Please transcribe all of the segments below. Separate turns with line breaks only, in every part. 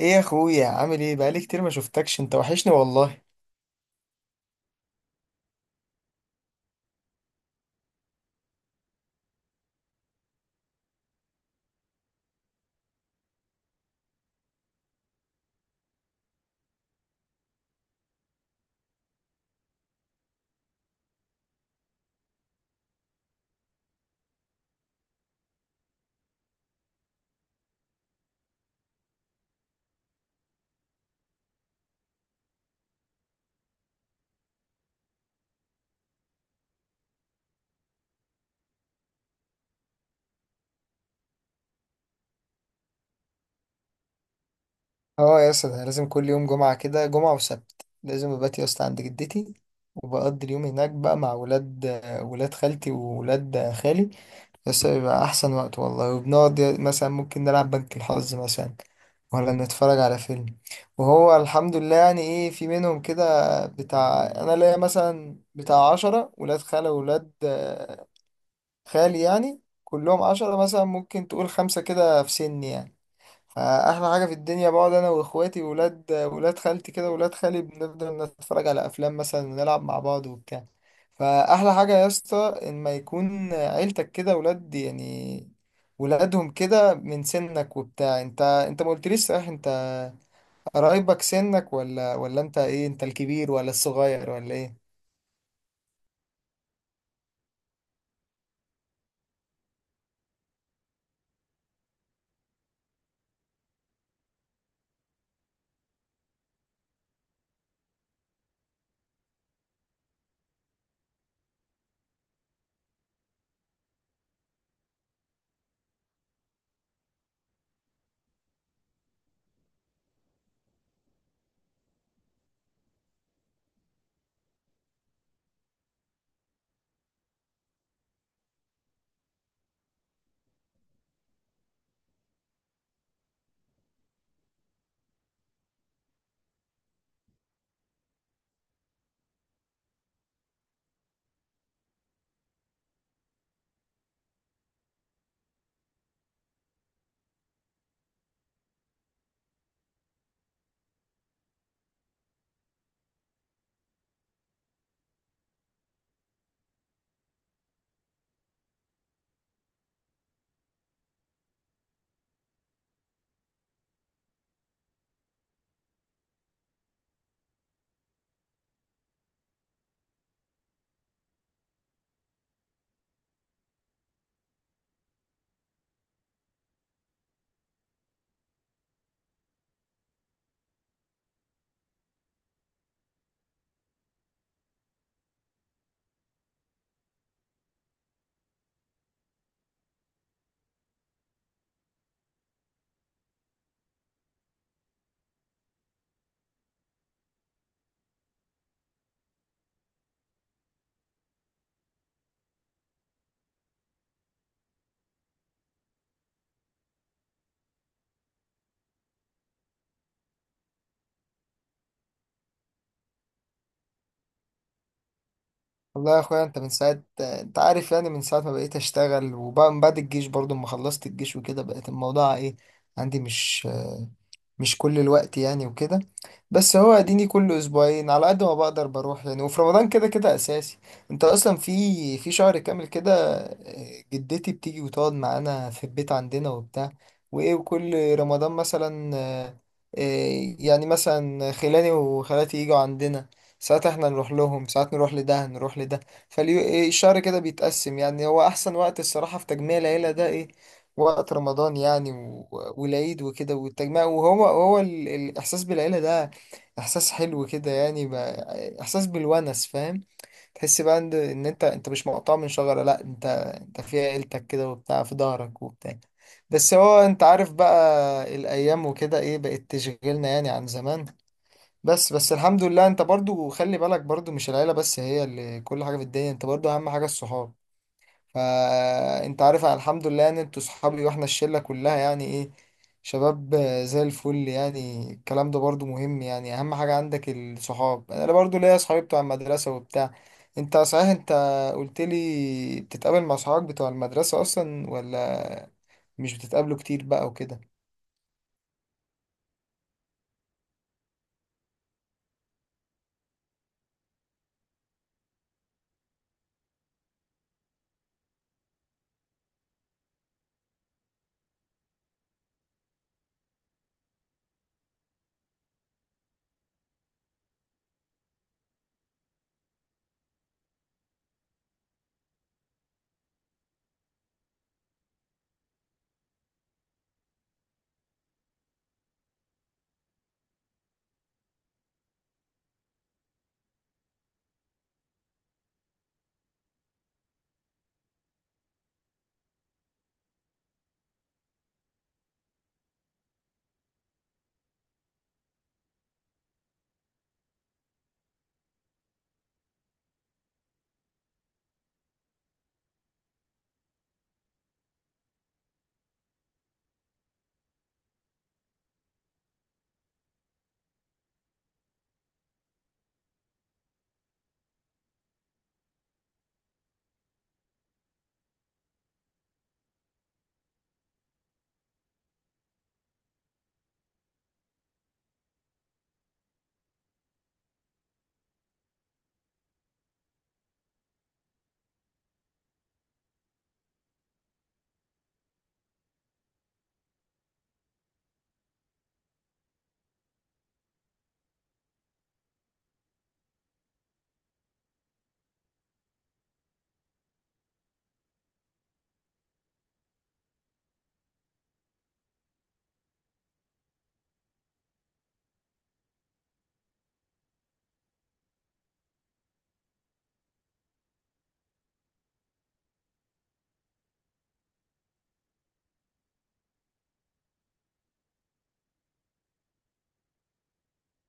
ايه يا اخويا عامل ايه؟ بقالي كتير ما شفتكش، انت وحشني والله. اه يا اسطى، ده لازم كل يوم جمعة كده، جمعة وسبت لازم ببات يا اسطى عند جدتي، وبقضي اليوم هناك بقى مع ولاد خالتي وولاد خالي، بس بيبقى أحسن وقت والله. وبنقعد مثلا ممكن نلعب بنك الحظ، مثلا، ولا نتفرج على فيلم. وهو الحمد لله يعني ايه، في منهم كده بتاع، أنا ليا مثلا بتاع عشرة ولاد خالة وولاد خالي، يعني كلهم عشرة، مثلا ممكن تقول خمسة كده في سني يعني. فأحلى حاجة في الدنيا، بقعد أنا وإخواتي وولاد ولاد خالتي كده، ولاد خالي، بنفضل نتفرج على أفلام مثلا، ونلعب مع بعض وبتاع. فأحلى حاجة يا اسطى، إن ما يكون عيلتك كده ولاد، يعني ولادهم كده من سنك وبتاع. انت ما قلتليش، صحيح انت قرايبك سنك ولا ولا؟ انت ايه، انت الكبير ولا الصغير ولا ايه؟ والله يا اخويا، انت من ساعة، انت عارف يعني، من ساعة ما بقيت اشتغل، وبعد من بعد الجيش برضو، ما خلصت الجيش وكده، بقت الموضوع ايه عندي، مش كل الوقت يعني وكده. بس هو اديني كل اسبوعين على قد ما بقدر بروح يعني، وفي رمضان كده كده اساسي. انت اصلا في شهر كامل كده جدتي بتيجي وتقعد معانا في البيت عندنا وبتاع، وايه، وكل رمضان مثلا، يعني مثلا خلاني وخالاتي يجوا عندنا، ساعات احنا نروح لهم، ساعات نروح لده. فالشهر كده بيتقسم يعني، هو احسن وقت الصراحة في تجميع العيلة ده ايه؟ وقت رمضان يعني والعيد وكده والتجمع. وهو الإحساس بالعيلة ده إحساس حلو كده يعني، إحساس بالونس، فاهم؟ تحس بقى إن أنت مش مقطوع من شجرة، لأ، أنت في عيلتك كده وبتاع، في ظهرك وبتاع. بس هو أنت عارف بقى، الأيام وكده إيه بقت تشغلنا يعني عن زمان. بس الحمد لله. أنت برضو خلي بالك، برضو مش العيلة بس هي اللي كل حاجة في الدنيا، أنت برضو أهم حاجة الصحاب. فانت عارف أنا الحمد لله ان انتوا صحابي، واحنا الشلة كلها يعني ايه، شباب زي الفل يعني. الكلام ده برضو مهم يعني، اهم حاجة عندك الصحاب. انا برضو ليا صحابي بتوع المدرسة وبتاع. انت صحيح انت قلت لي بتتقابل مع صحابك بتوع المدرسة اصلا ولا مش بتتقابلوا كتير بقى وكده؟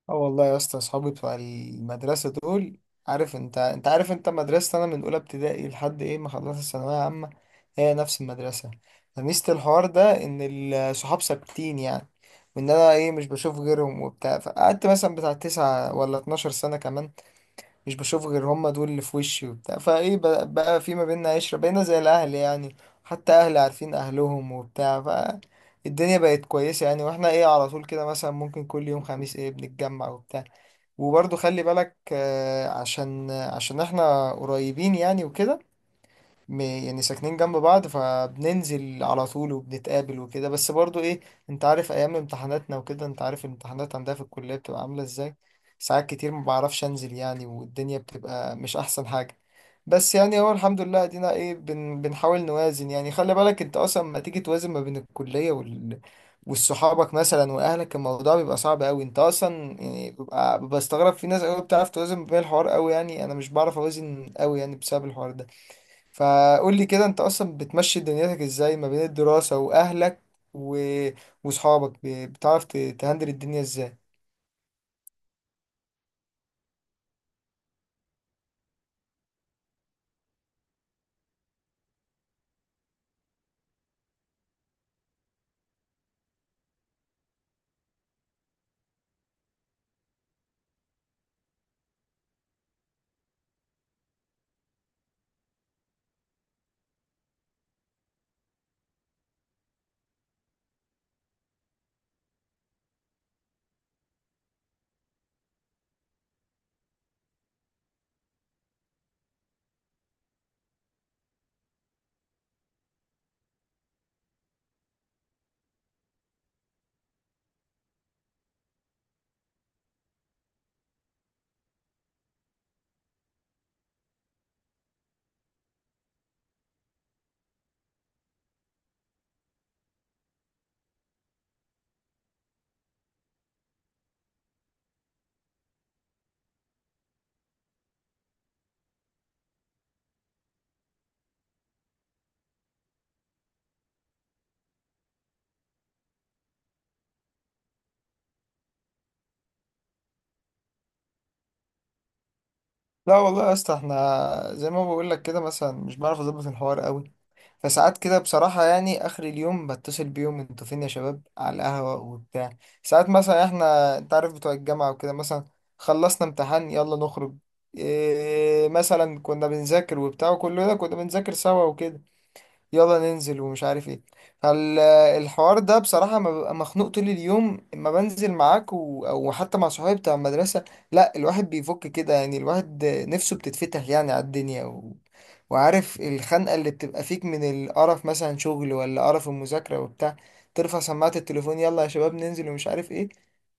اه والله يا اسطى، اصحابي بتوع المدرسه دول، عارف انت، انت عارف مدرسه انا من اولى ابتدائي لحد ايه ما خلصت الثانويه عامه، هي نفس المدرسه. فميزه الحوار ده ان الصحاب ثابتين يعني، وان انا ايه مش بشوف غيرهم وبتاع. فقعدت مثلا بتاع تسعة ولا 12 سنه كمان مش بشوف غير هم، دول اللي في وشي وبتاع. فايه بقى، في ما بيننا عشره، بقينا زي الاهل يعني، حتى اهلي عارفين اهلهم وبتاع. ف الدنيا بقت كويسة يعني، واحنا ايه على طول كده، مثلا ممكن كل يوم خميس ايه بنتجمع وبتاع. وبرضو خلي بالك عشان احنا قريبين يعني وكده، يعني ساكنين جنب بعض، فبننزل على طول وبنتقابل وكده. بس برضو ايه، انت عارف ايام امتحاناتنا وكده، انت عارف الامتحانات عندها في الكلية بتبقى عاملة ازاي. ساعات كتير ما بعرفش انزل يعني، والدنيا بتبقى مش احسن حاجة. بس يعني هو الحمد لله ادينا ايه، بنحاول نوازن يعني. خلي بالك انت اصلا ما تيجي توازن ما بين الكلية وال والصحابك مثلا واهلك، الموضوع بيبقى صعب قوي انت اصلا. يعني ببقى بستغرب في ناس قوي بتعرف توازن بين الحوار قوي، يعني انا مش بعرف اوازن قوي يعني بسبب الحوار ده. فقول لي كده انت اصلا بتمشي دنيتك ازاي ما بين الدراسة واهلك و... وصحابك؟ بتعرف تهندل الدنيا ازاي؟ لا والله يا اسطى، احنا زي ما بقول لك كده، مثلا مش بعرف اظبط الحوار قوي. فساعات كده بصراحة يعني، اخر اليوم بتصل بيهم، انتوا فين يا شباب على القهوة وبتاع؟ ساعات مثلا احنا، انت عارف بتوع الجامعة وكده، مثلا خلصنا امتحان يلا نخرج، إيه مثلا كنا بنذاكر وبتاع، وكل ده كنا بنذاكر سوا وكده، يلا ننزل ومش عارف ايه. فالحوار ده بصراحة ما ببقى مخنوق طول اليوم اما بنزل معاك و... او حتى مع صحابي بتاع المدرسة، لا، الواحد بيفك كده يعني، الواحد نفسه بتتفتح يعني على الدنيا و... وعارف الخنقة اللي بتبقى فيك من القرف مثلا، شغل ولا قرف المذاكرة وبتاع، ترفع سماعة التليفون، يلا يا شباب ننزل ومش عارف ايه،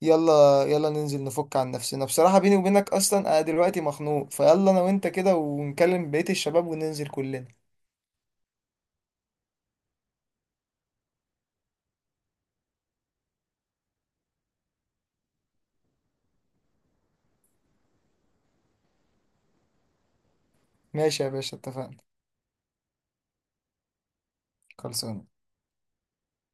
يلا يلا ننزل نفك عن نفسنا. بصراحة بيني وبينك اصلا انا دلوقتي مخنوق، فيلا انا وانت كده ونكلم بقية الشباب وننزل كلنا. ماشي يا باشا اتفقنا. خلصان.